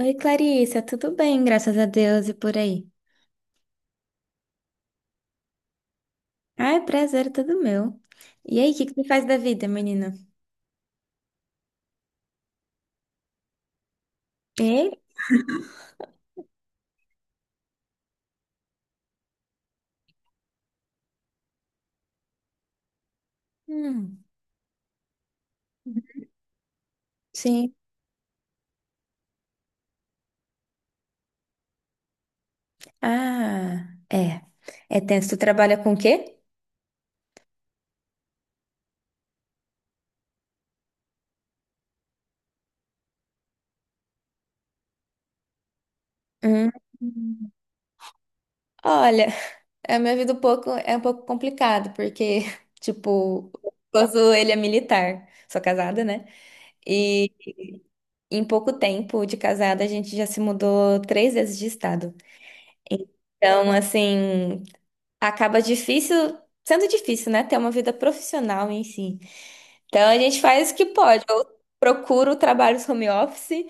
Oi, Clarissa, tudo bem? Graças a Deus e por aí. Ai, prazer, é tudo meu. E aí, o que que tu faz da vida, menina? E? Hum, sim. Ah, é. É tenso. Tu trabalha com o quê? Hum. Olha, a minha vida é um pouco complicado, porque, tipo, o esposo, ele é militar. Sou casada, né? E em pouco tempo de casada, a gente já se mudou 3 vezes de estado. Então, assim, acaba sendo difícil, né? Ter uma vida profissional em si. Então a gente faz o que pode. Eu procuro trabalhos home office.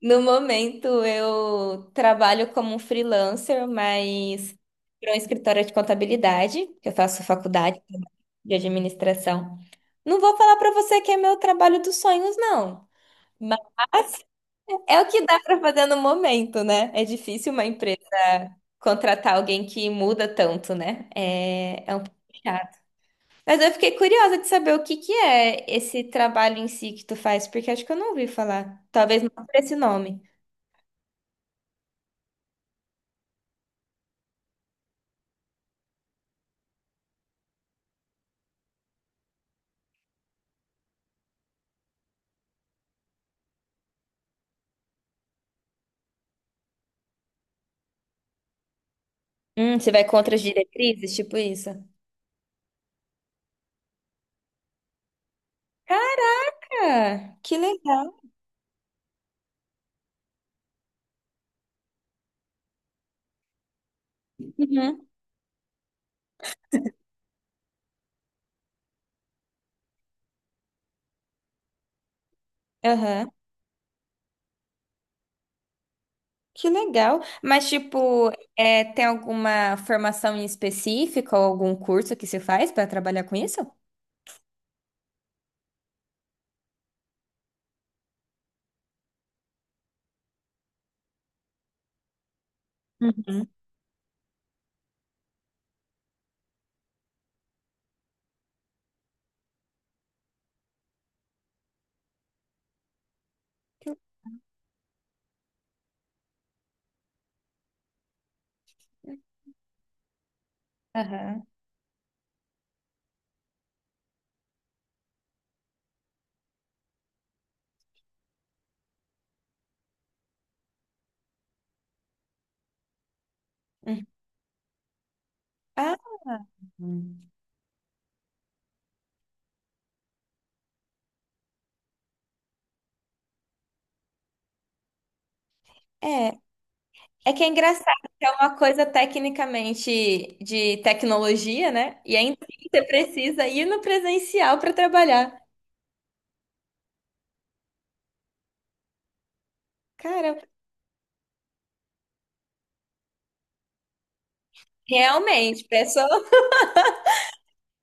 No momento eu trabalho como freelancer, mas para um escritório de contabilidade, que eu faço faculdade de administração. Não vou falar para você que é meu trabalho dos sonhos, não. Mas é o que dá para fazer no momento, né? É difícil uma empresa contratar alguém que muda tanto, né? É um pouco chato. Mas eu fiquei curiosa de saber o que que é esse trabalho em si que tu faz, porque acho que eu não ouvi falar. Talvez não por esse nome. Você vai contra as diretrizes, tipo isso? Cara, que legal. Uhum. Aham. Que legal. Mas, tipo, tem alguma formação em específica ou algum curso que se faz para trabalhar com isso? Uhum. Que legal. Aham. Hum. Ah, é. É que é engraçado, que é uma coisa tecnicamente de tecnologia, né? E ainda assim você precisa ir no presencial para trabalhar. Cara, realmente, pessoa.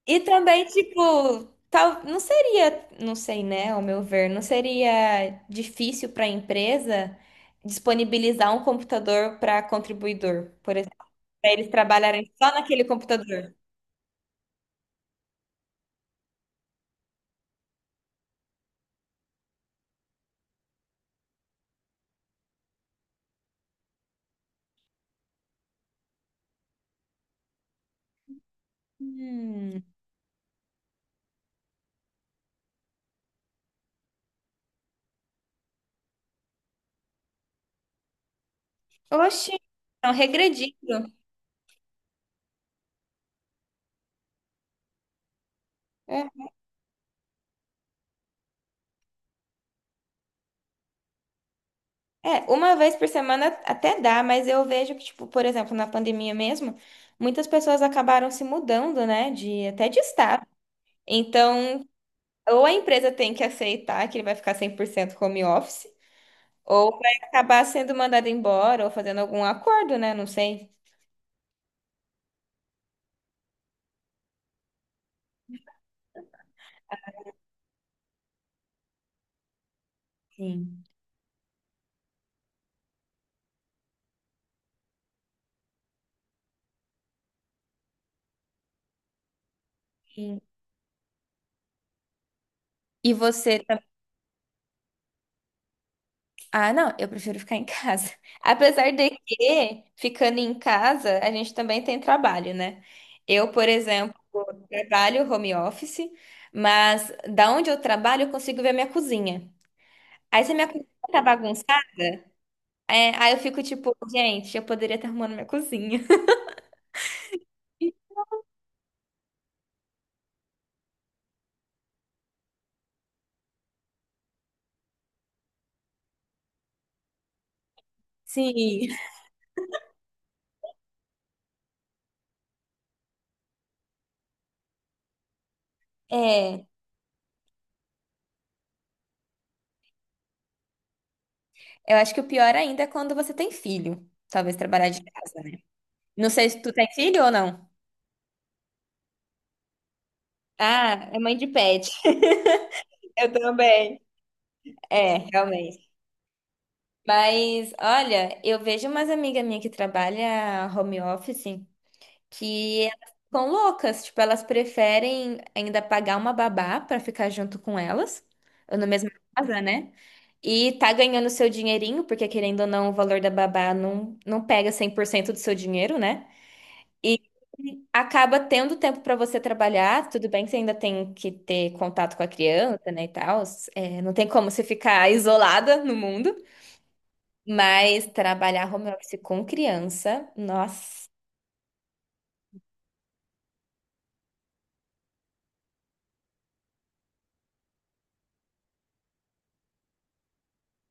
E também, tipo, tal, não seria, não sei, né, ao meu ver, não seria difícil para a empresa disponibilizar um computador para contribuidor, por exemplo, para eles trabalharem só naquele computador. Hum. Oxi, estão regredindo. É, uma vez por semana até dá, mas eu vejo que, tipo, por exemplo, na pandemia mesmo, muitas pessoas acabaram se mudando, né, de até de estado. Então, ou a empresa tem que aceitar que ele vai ficar 100% home office, ou vai acabar sendo mandado embora ou fazendo algum acordo, né, não sei. Sim. Sim. E você Ah, não, eu prefiro ficar em casa. Apesar de que, ficando em casa, a gente também tem trabalho, né? Eu, por exemplo, trabalho home office, mas da onde eu trabalho, eu consigo ver a minha cozinha. Aí se a minha cozinha tá bagunçada, aí eu fico tipo, gente, eu poderia estar arrumando minha cozinha. Sim. É, eu acho que o pior ainda é quando você tem filho. Talvez trabalhar de casa, né? Não sei se tu tem filho ou não. Ah, é mãe de pet. Eu também. É, realmente. Mas, olha, eu vejo umas amigas minhas que trabalham home office que elas ficam loucas. Tipo, elas preferem ainda pagar uma babá pra ficar junto com elas, ou na mesma casa, né? E tá ganhando seu dinheirinho, porque querendo ou não, o valor da babá não pega 100% do seu dinheiro, né? E acaba tendo tempo pra você trabalhar. Tudo bem que você ainda tem que ter contato com a criança, né, e tal. É, não tem como você ficar isolada no mundo. Mas trabalhar home office com criança, nossa.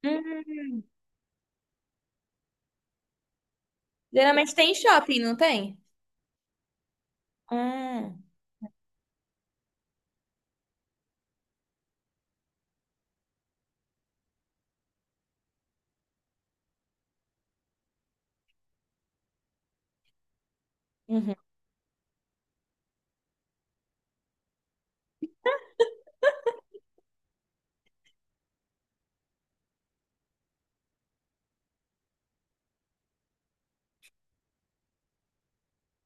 Hum. Geralmente tem em shopping, não tem? Ah, uhum.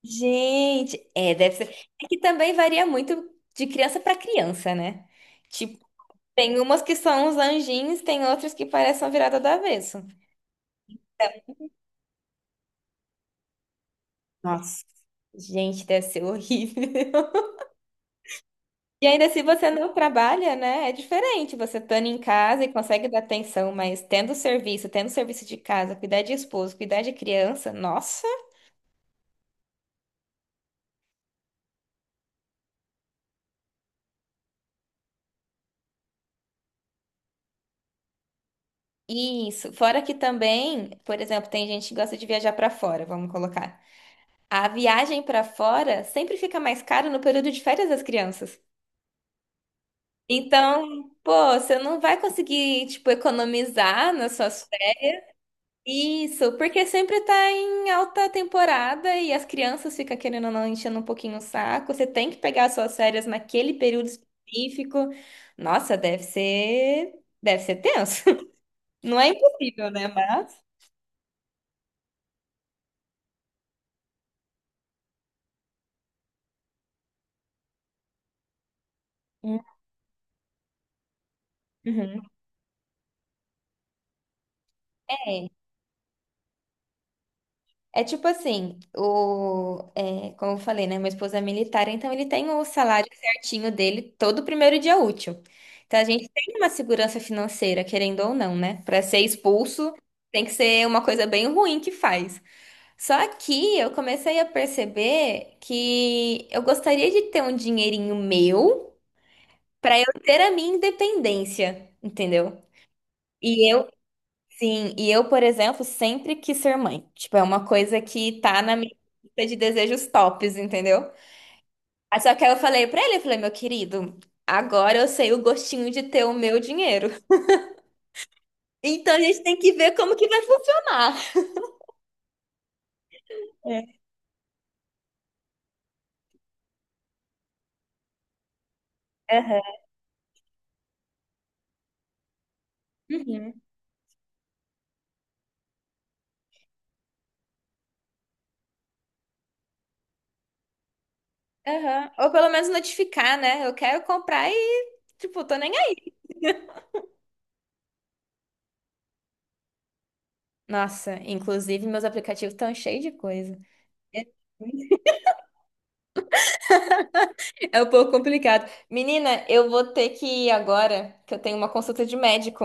Gente, deve ser. É que também varia muito de criança para criança, né? Tipo, tem umas que são uns anjinhos, tem outras que parecem uma virada do avesso. Nossa, gente, deve ser horrível. E ainda se você não trabalha, né? É diferente. Você estando em casa e consegue dar atenção, mas tendo serviço de casa, cuidar de esposo, cuidar de criança, nossa. Isso. Fora que também, por exemplo, tem gente que gosta de viajar pra fora, vamos colocar. A viagem pra fora sempre fica mais caro no período de férias das crianças. Então, pô, você não vai conseguir, tipo, economizar nas suas. Isso, porque sempre tá em alta temporada e as crianças ficam querendo ou não enchendo um pouquinho o saco. Você tem que pegar suas férias naquele período específico. Nossa, deve ser tenso. Não é impossível, né? Mas. Uhum. É tipo assim, como eu falei, né? Meu esposo é militar, então ele tem o salário certinho dele todo primeiro dia útil. Então a gente tem uma segurança financeira, querendo ou não, né? Para ser expulso, tem que ser uma coisa bem ruim que faz. Só que eu comecei a perceber que eu gostaria de ter um dinheirinho meu para eu ter a minha independência, entendeu? E Sim, e eu, por exemplo, sempre quis ser mãe. Tipo, é uma coisa que tá na minha lista de desejos tops, entendeu? Aí Só que aí eu falei pra ele, eu falei, meu querido, agora eu sei o gostinho de ter o meu dinheiro. Então a gente tem que ver como que vai funcionar. É. Aham. Uhum. Aham. Ou pelo menos notificar, né? Eu quero comprar e, tipo, tô nem aí. Nossa, inclusive meus aplicativos estão cheios de coisa. É um pouco complicado. Menina, eu vou ter que ir agora, que eu tenho uma consulta de médico.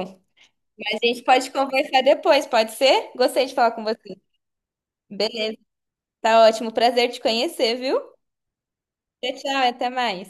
Mas a gente pode conversar depois, pode ser? Gostei de falar com você. Beleza, tá ótimo. Prazer te conhecer, viu? Tchau, tchau, até mais.